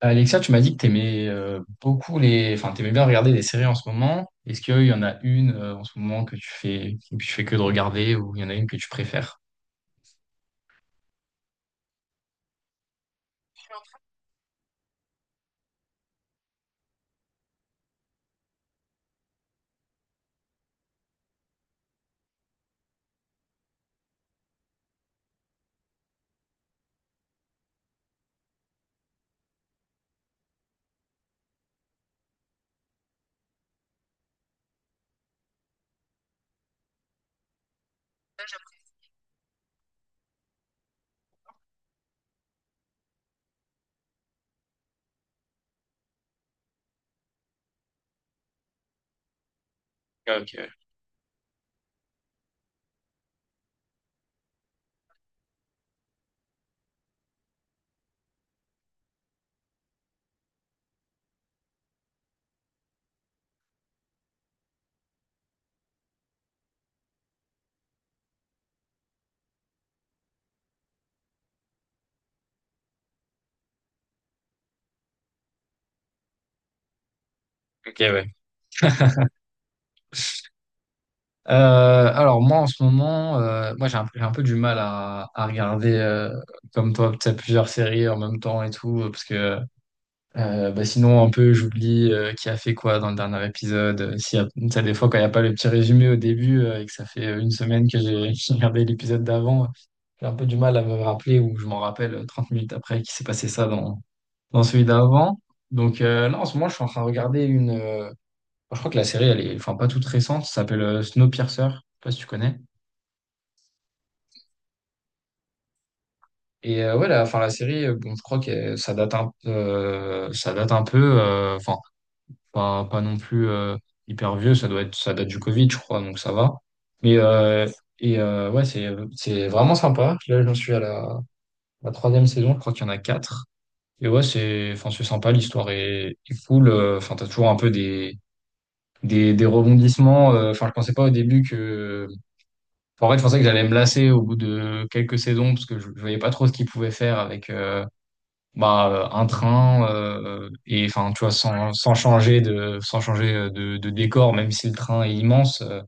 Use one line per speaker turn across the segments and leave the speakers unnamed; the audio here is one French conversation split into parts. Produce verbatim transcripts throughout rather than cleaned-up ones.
Alexia, tu m'as dit que t'aimais euh, beaucoup les, enfin, t'aimais bien regarder des séries en ce moment. Est-ce qu'il y en a une euh, en ce moment que tu fais, que tu fais que de regarder, ou il y en a une que tu préfères? Ok, ok, ouais. Euh, alors moi en ce moment, euh, moi j'ai un, j'ai un peu du mal à, à regarder euh, comme toi, tu sais, plusieurs séries en même temps et tout, parce que Euh, bah sinon, un peu, j'oublie euh, qui a fait quoi dans le dernier épisode. Euh, S'il y a, tu sais, des fois, quand il n'y a pas le petit résumé au début euh, et que ça fait euh, une semaine que j'ai j'ai regardé l'épisode d'avant, j'ai un peu du mal à me rappeler ou je m'en rappelle euh, trente minutes après qu'il s'est passé ça dans, dans celui d'avant. Donc euh, là, en ce moment, je suis en train de regarder une... euh, Je crois que la série, elle est enfin pas toute récente, ça s'appelle euh, Snowpiercer, je sais pas si tu connais. Et euh, ouais, la, enfin, la série, euh, bon, je crois que euh, ça date un, euh, ça date un peu. euh, Enfin, pas, pas non plus euh, hyper vieux, ça doit être, ça date du Covid, je crois, donc ça va. Mais euh, et euh, ouais, c'est c'est vraiment sympa. Là, j'en suis à la, la troisième saison, je crois qu'il y en a quatre. Et ouais, c'est enfin c'est sympa, l'histoire est, est cool. Euh, Enfin, t'as toujours un peu des des, des rebondissements. Euh, Enfin, je pensais pas au début que. Enfin, En fait, je pensais que j'allais me lasser au bout de quelques saisons parce que je, je voyais pas trop ce qu'ils pouvaient faire avec. Euh, bah euh, un train euh, et enfin tu vois sans sans changer de sans changer euh, de, de décor même si le train est immense euh,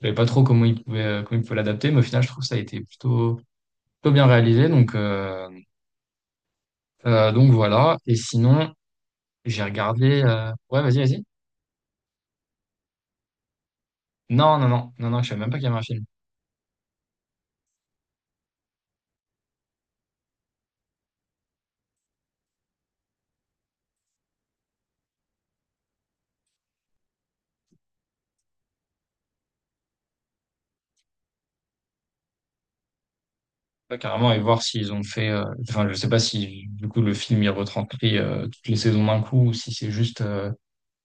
je savais pas trop comment il pouvait euh, Comment il pouvait l'adapter mais au final je trouve que ça a été plutôt plutôt bien réalisé donc euh, euh, Donc voilà et sinon j'ai regardé euh, Ouais, vas-y, vas-y. Non, non, non, non, non, je savais même pas qu'il y avait un film. Pas carrément et voir s'ils ont fait euh, enfin je sais pas si du coup le film il retranscrit euh, toutes les saisons d'un coup ou si c'est juste euh,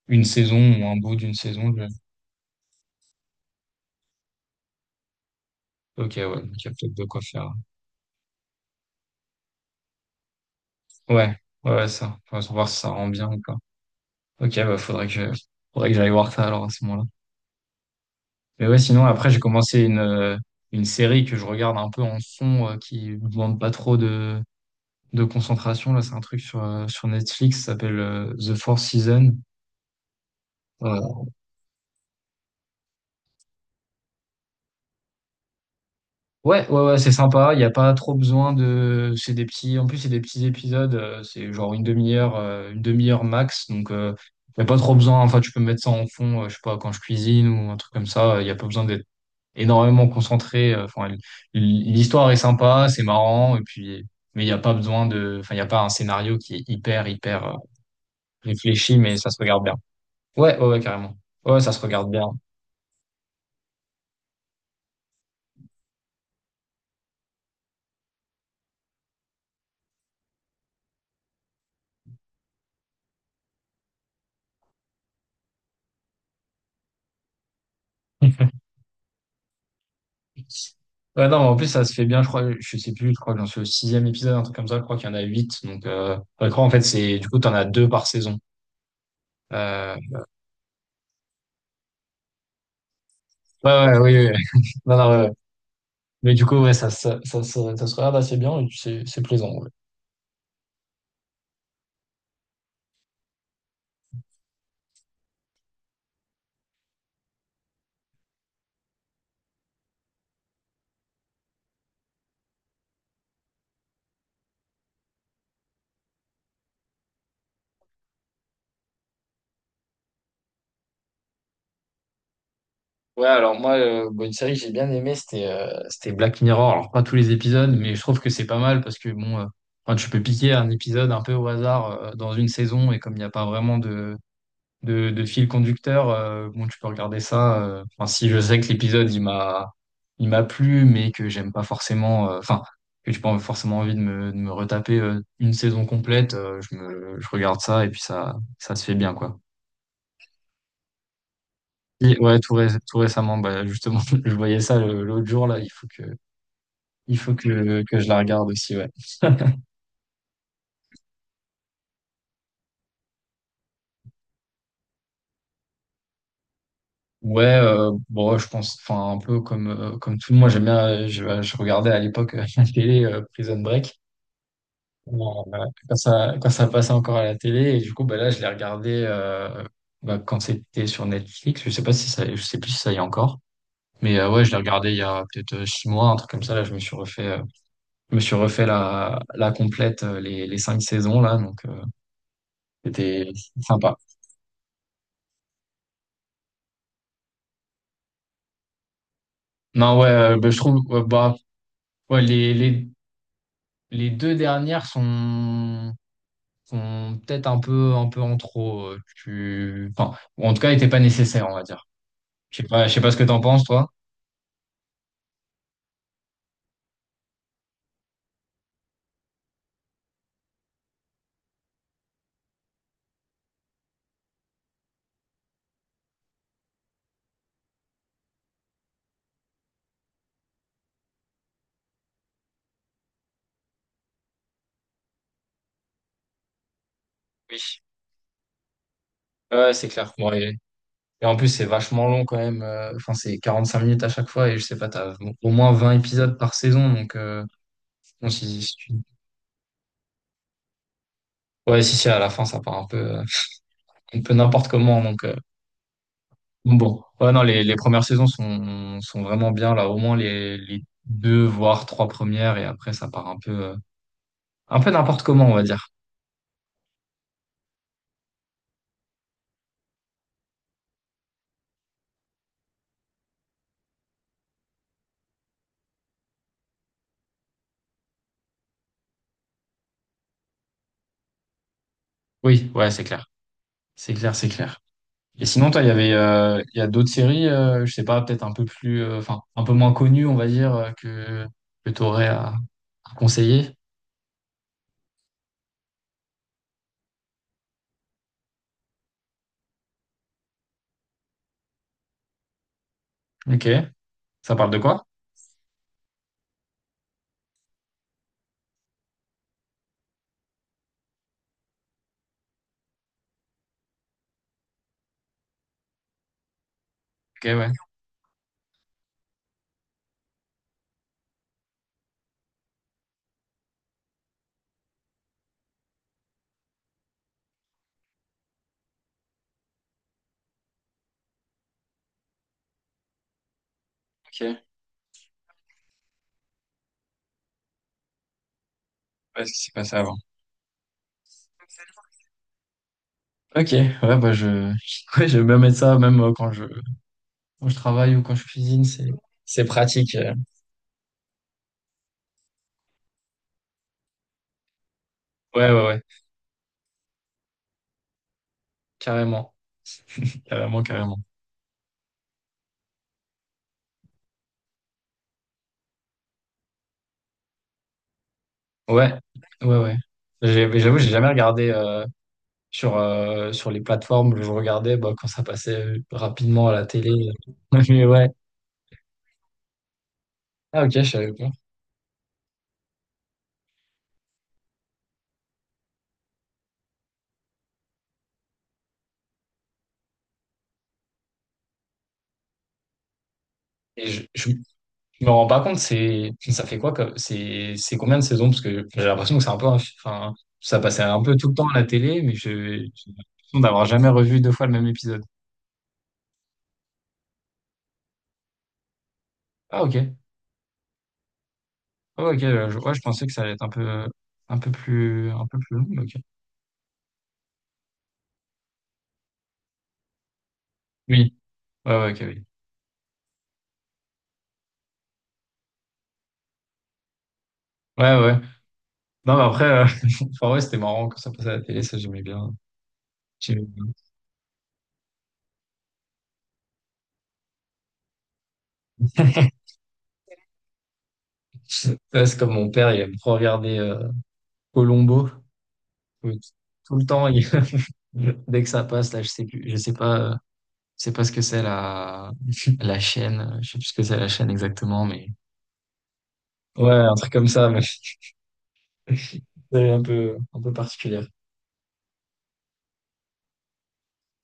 une saison ou un bout d'une saison je- ok, ouais, donc il y a peut-être de quoi faire. Ouais, ouais, ouais, ça. Faut voir si ça rend bien ou pas. Ok, bah faudrait que faudrait que j'aille voir ça alors à ce moment-là. Mais ouais, sinon après j'ai commencé une euh, une série que je regarde un peu en fond euh, qui me demande pas trop de de concentration là. C'est un truc sur euh, sur Netflix, ça s'appelle euh, The Four Seasons. Euh, Ouais, ouais, ouais, c'est sympa. Il n'y a pas trop besoin de. C'est des petits. En plus, c'est des petits épisodes. euh, C'est genre une demi-heure, euh, une demi-heure max. Donc, il n'y a pas trop besoin. Enfin, tu peux mettre ça en fond. Euh, je sais pas quand je cuisine ou un truc comme ça. Il n'y a pas besoin d'être énormément concentrée. euh, Enfin, l- l'histoire est sympa, c'est marrant, et puis, mais il n'y a pas besoin de, enfin, il n'y a pas un scénario qui est hyper, hyper euh, réfléchi, mais ça se regarde bien. Ouais, ouais, ouais, carrément. Ouais, ça se regarde bien. Ouais, non, mais en plus, ça se fait bien, je crois, je sais plus, je crois que j'en suis au sixième épisode, un truc comme ça, je crois qu'il y en a huit, donc, euh, ouais, je crois, en fait, c'est, du coup, t'en as deux par saison. Euh, ouais, ouais, oui, oui. Non, non, ouais, ouais. Mais du coup, ouais, ça, ça, ça, ça, ça se regarde assez bien, et puis c'est, c'est plaisant. Ouais, alors moi, euh, bon, une série que j'ai bien aimée, c'était euh, c'était Black Mirror. Alors, pas tous les épisodes, mais je trouve que c'est pas mal parce que, bon, euh, enfin, tu peux piquer un épisode un peu au hasard euh, dans une saison et comme il n'y a pas vraiment de, de, de fil conducteur, euh, bon, tu peux regarder ça. euh, Enfin, si je sais que l'épisode, il m'a il m'a plu, mais que j'aime pas forcément, euh, enfin, que j'ai pas forcément envie de me, de me retaper euh, une saison complète, euh, je me, je regarde ça et puis ça, ça se fait bien, quoi. Si, ouais, tout, ré- tout récemment, bah, justement, je voyais ça le- l'autre jour, là, il faut que, il faut que, que je la regarde aussi, ouais. Ouais, euh, bon, ouais, je pense, enfin, un peu comme, euh, comme tout le monde, j'aime bien, euh, je, je regardais à l'époque euh, la télé euh, Prison Break. Bon, euh, quand ça, quand ça passait encore à la télé, et du coup, bah, là, je l'ai regardé euh, bah, quand c'était sur Netflix, je sais pas si ça, je sais plus si ça y est encore, mais euh, ouais, je l'ai regardé il y a peut-être euh, six mois, un truc comme ça, là, je me suis refait, euh, je me suis refait la, la complète, euh, les, les cinq saisons, là, donc. euh, C'était sympa. Non, ouais, euh, bah, je trouve, ouais, bah, ouais, les, les, les deux dernières sont, sont peut-être un peu, un peu en trop. Euh, tu... enfin, ou en tout cas, n'étaient pas nécessaires, on va dire. Je sais pas, je sais pas ce que t'en penses, toi. Oui. Ouais, c'est clair. Bon, et, et en plus, c'est vachement long quand même. euh, Enfin, c'est quarante cinq minutes à chaque fois et je sais pas, t'as au moins vingt épisodes par saison. Donc, euh, bon, si, si tu- ouais, si, si, à la fin, ça part un peu, euh, un peu n'importe comment. Donc, euh, bon, ouais, non, les, les premières saisons sont, sont vraiment bien, là, au moins les, les deux, voire trois premières, et après, ça part un peu, euh, un peu n'importe comment, on va dire. Oui, ouais, c'est clair. C'est clair, c'est clair. Et sinon, toi, il y avait, euh, il y a d'autres séries, euh, je sais pas, peut-être un peu plus, euh, enfin, un peu moins connues, on va dire, euh, que, que t'aurais à, à conseiller. Ok. Ça parle de quoi? Ok, ouais. Ok. Ouais, ce qui s'est passé avant. Ok, ouais, bah, je, ouais, j'aime bien mettre ça, même euh, quand je, quand je travaille ou quand je cuisine, c'est, c'est pratique. euh, Ouais, ouais, ouais, carrément, carrément, carrément. Ouais, ouais, ouais. J'ai- J'avoue, j'ai jamais regardé euh, sur, euh, sur les plateformes. Je regardais bah, quand ça passait euh, rapidement à la télé. Mais ouais. Ah, ok, je savais pas. Et je, je me rends pas compte, c'est, ça fait quoi comme, c'est, c'est combien de saisons? Parce que j'ai l'impression que c'est un peu, un- enfin, ça passait un peu tout le temps à la télé, mais je, j'ai l'impression d'avoir jamais revu deux fois le même épisode. Ah, ok. Ah, ok, je, ouais, je pensais que ça allait être un peu, un peu plus, un peu plus long, mais ok. Oui, ouais, ouais, ok, oui. Ouais, ouais. Non, mais après, euh, enfin, ouais, c'était marrant quand ça passait à la télé, ça j'aimais bien. J'aimais bien. Ouais, c'est comme mon père, il aime trop regarder euh, Columbo. Tout, tout le temps, il- dès que ça passe, là, je sais plus, je sais pas, euh, je sais pas ce que c'est la, la chaîne, euh, je sais plus ce que c'est la chaîne exactement, mais ouais, un truc comme ça, mais c'est un peu, un peu particulière.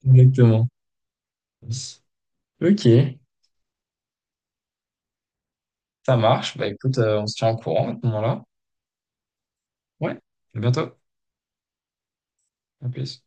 Exactement. Ok, ça marche. Bah écoute, euh, on se tient au courant à ce moment-là. Ouais, à bientôt. À plus.